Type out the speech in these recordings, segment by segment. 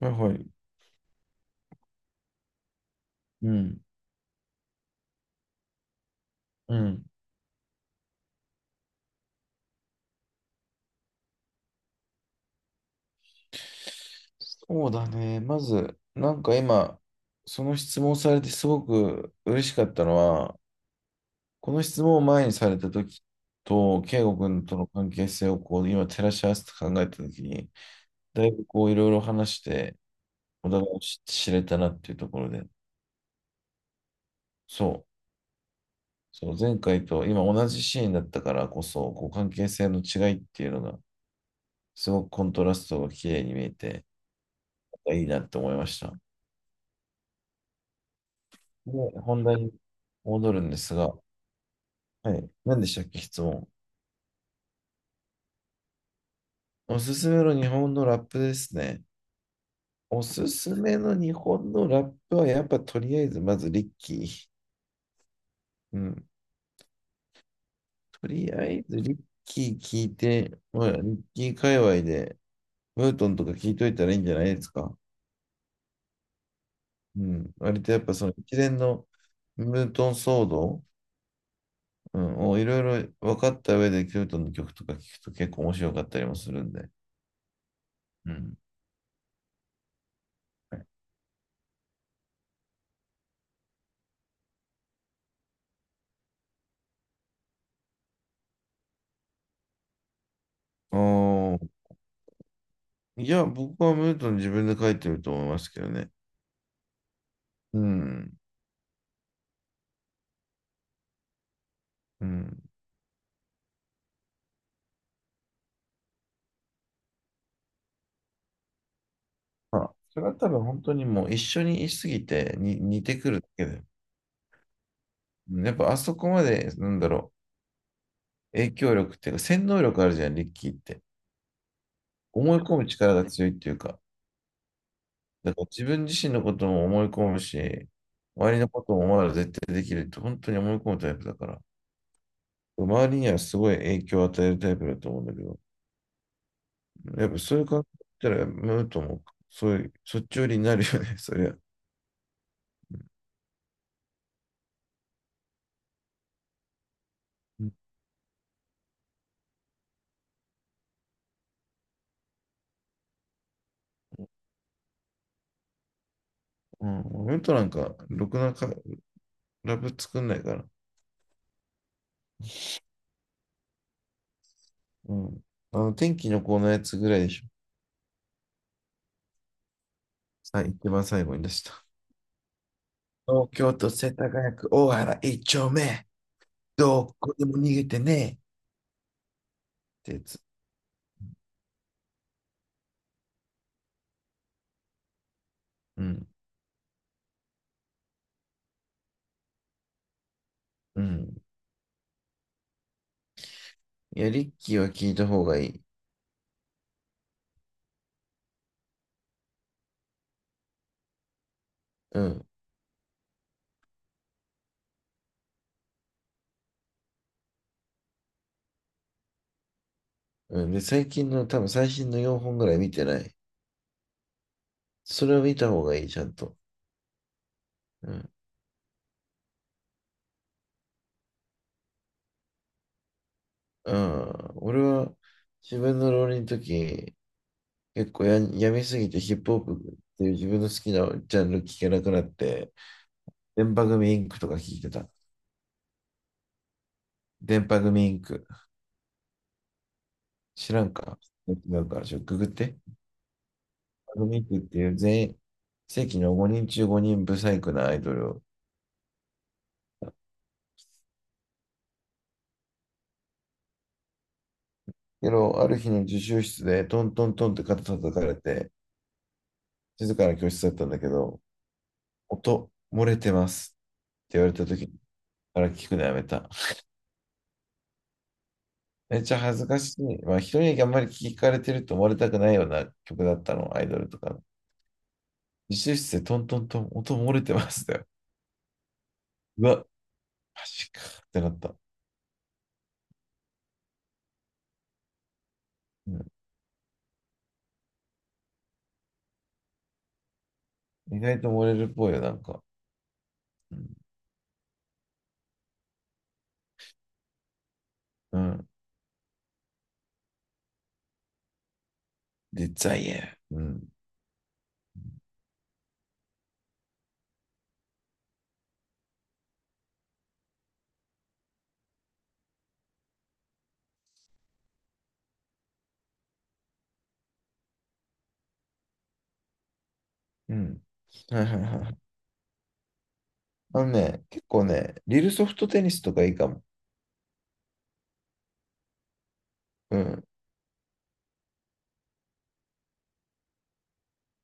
はいはい。うん。うん。そうだね。まず、なんか今、その質問されてすごく嬉しかったのは、この質問を前にされた時と、圭吾君との関係性をこう今照らし合わせて考えた時に、だいぶこういろいろ話して、お互いを知れたなっていうところで、そう、そう、前回と今同じシーンだったからこそ、こう関係性の違いっていうのが、すごくコントラストが綺麗に見えて、いいなって思いました。で、本題に戻るんですが、はい。何でしたっけ、質問。おすすめの日本のラップですね。おすすめの日本のラップは、やっぱとりあえず、まずリッキー。うん。とりあえずリッキー聞いて、まあ、リッキー界隈で、ムートンとか聞いといたらいいんじゃないですか。うん。割とやっぱその一連のムートン騒動、うん、をいろいろ分かった上で、ムートンの曲とか聞くと結構面白かったりもするんで。うん。おあ。いや、僕はムートン自分で書いてると思いますけどね。うん。うん。まあ、それは多分本当にもう一緒にいすぎてに似てくるだけで。うん、やっぱあそこまで、なんだろう、影響力っていうか、洗脳力あるじゃん、リッキーって。思い込む力が強いっていうか、だから自分自身のことも思い込むし、周りのこともお前ら絶対できるって本当に思い込むタイプだから、周りにはすごい影響を与えるタイプだと思うんだけど、やっぱそういう感じだったら、ムートンもそういう、そっち寄りになるよね、そりゃ。うん、俺となんか、ろくなかラブ作んないから。うん。あの、天気の子のやつぐらいでしょ。さっ一番最後に出した。東京都世田谷区大原一丁目。どこでも逃げてねえ。ってやつ。うん。うん。いや、リッキーは聞いた方がいい。うん。うん。で、最近の、多分最新の4本ぐらい見てない。それを見た方がいい、ちゃんと。うん。うん。俺は、自分の浪人の時、結構や、やめすぎてヒップホップっていう自分の好きなジャンル聞けなくなって、電波組インクとか聞いてた。電波組インク。知らんか、違うから、ちょ、ググって。電波組インクっていう全世紀の5人中5人ブサイクなアイドルを。けど、ある日の自習室でトントントンって肩叩かれて、静かな教室だったんだけど、音漏れてますって言われた時に、から聞くのやめた。めっちゃ恥ずかしい。まあ、人にあんまり聞かれてると思われたくないような曲だったの、アイドルとか。自習室でトントントン、音漏れてますだよ。うわ、マジかってなった。うん、意外と漏れるっぽいよ、なんか。うん。で、デザイエうん。うん。はいはいはい。あのね、結構ね、リルソフトテニスとかいいかも。うん。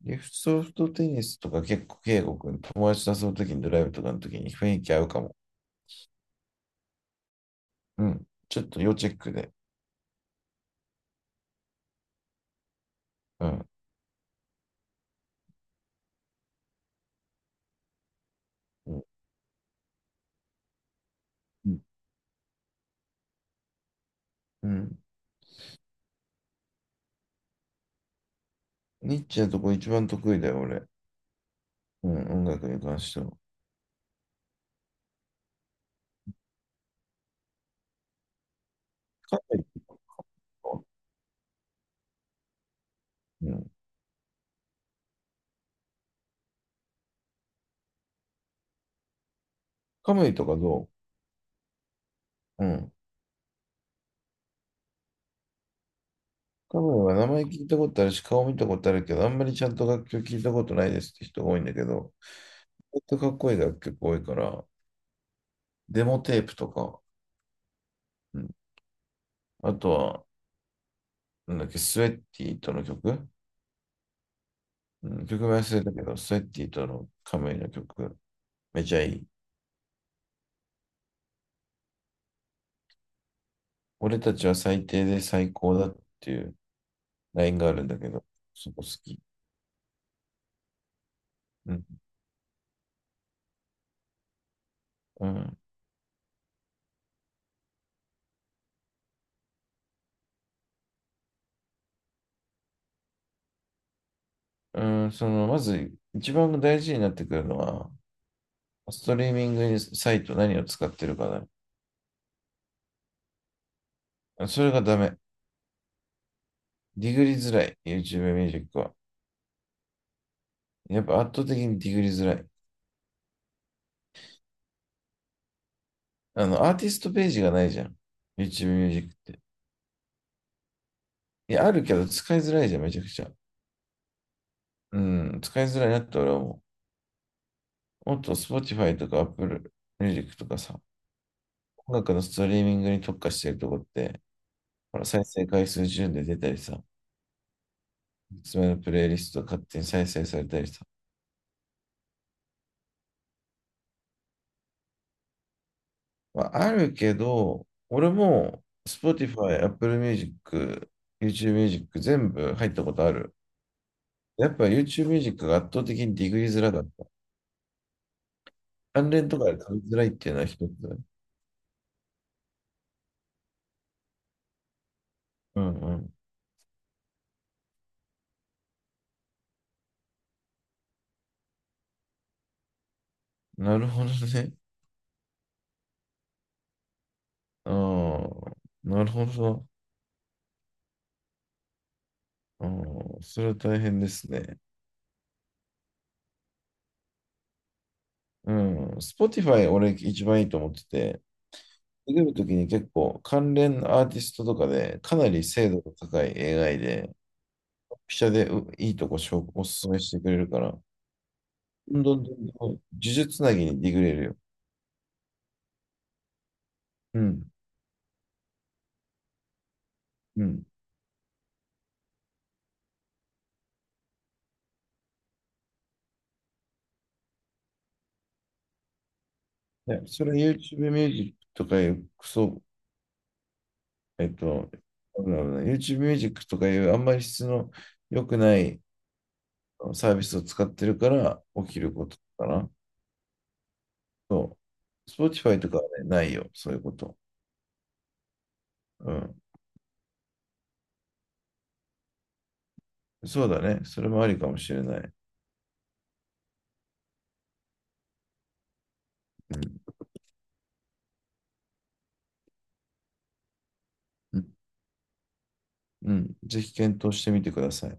リルソフトテニスとか結構、圭吾君、友達と遊ぶときにドライブとかのときに雰囲気合うかも。うん。ちょっと要チェックで。うん。うん。うん。ニッチなとこ一番得意だよ、俺。うん、音楽に関しては。カムイとか、うん。カムイとかどう、うん。多分は名前聞いたことあるし、顔見たことあるけど、あんまりちゃんと楽曲聞いたことないですって人が多いんだけど、ほんとかっこいい楽曲多いから、デモテープとか、うん、あとは、なんだっけ、スウェッティとの曲、うん、曲名忘れたけど、スウェッティとのカムイの曲、めちゃいい。俺たちは最低で最高だっていうラインがあるんだけど、そこ好き。うん。うん。うん、その、まず、一番大事になってくるのは、ストリーミングサイト何を使ってるかだね。それがダメ。ディグリづらい。YouTube ミュージックは。やっぱ圧倒的にディグリづらい。あの、アーティストページがないじゃん。YouTube ミュージックって。いや、あるけど使いづらいじゃん、めちゃくちゃ。うん、使いづらいなって俺は思う。もっと Spotify とか Apple Music とかさ、音楽のストリーミングに特化してるとこって、ほら、再生回数順で出たりさ、おすすめのプレイリスト勝手に再生されたりさ。まあ、あるけど、俺も Spotify、Apple Music、YouTube Music 全部入ったことある。やっぱ YouTube ミュージックが圧倒的にディグリづらかった。関連とかで取りづらいっていうのは一つだね。うん、うん。なるほどね。ああ、なるほど。ああ、それは大変ですね。うん。Spotify 俺一番いいと思ってて、出るときに結構関連アーティストとかでかなり精度が高い映画で、ピシャでういいとこ紹おすすめしてくれるから、どんどんどんどん呪術つなぎにディグれるよ。うん。うん。ね、それ YouTube ミュージックとかいうクソえっと、YouTube Music とかいうあんまり質の良くないサービスを使ってるから起きることかな。そう。Spotify とかはね、ないよ、そういうこと。うん。そうだね。それもありかもしれない。うん。うん。うんぜひ検討してみてください。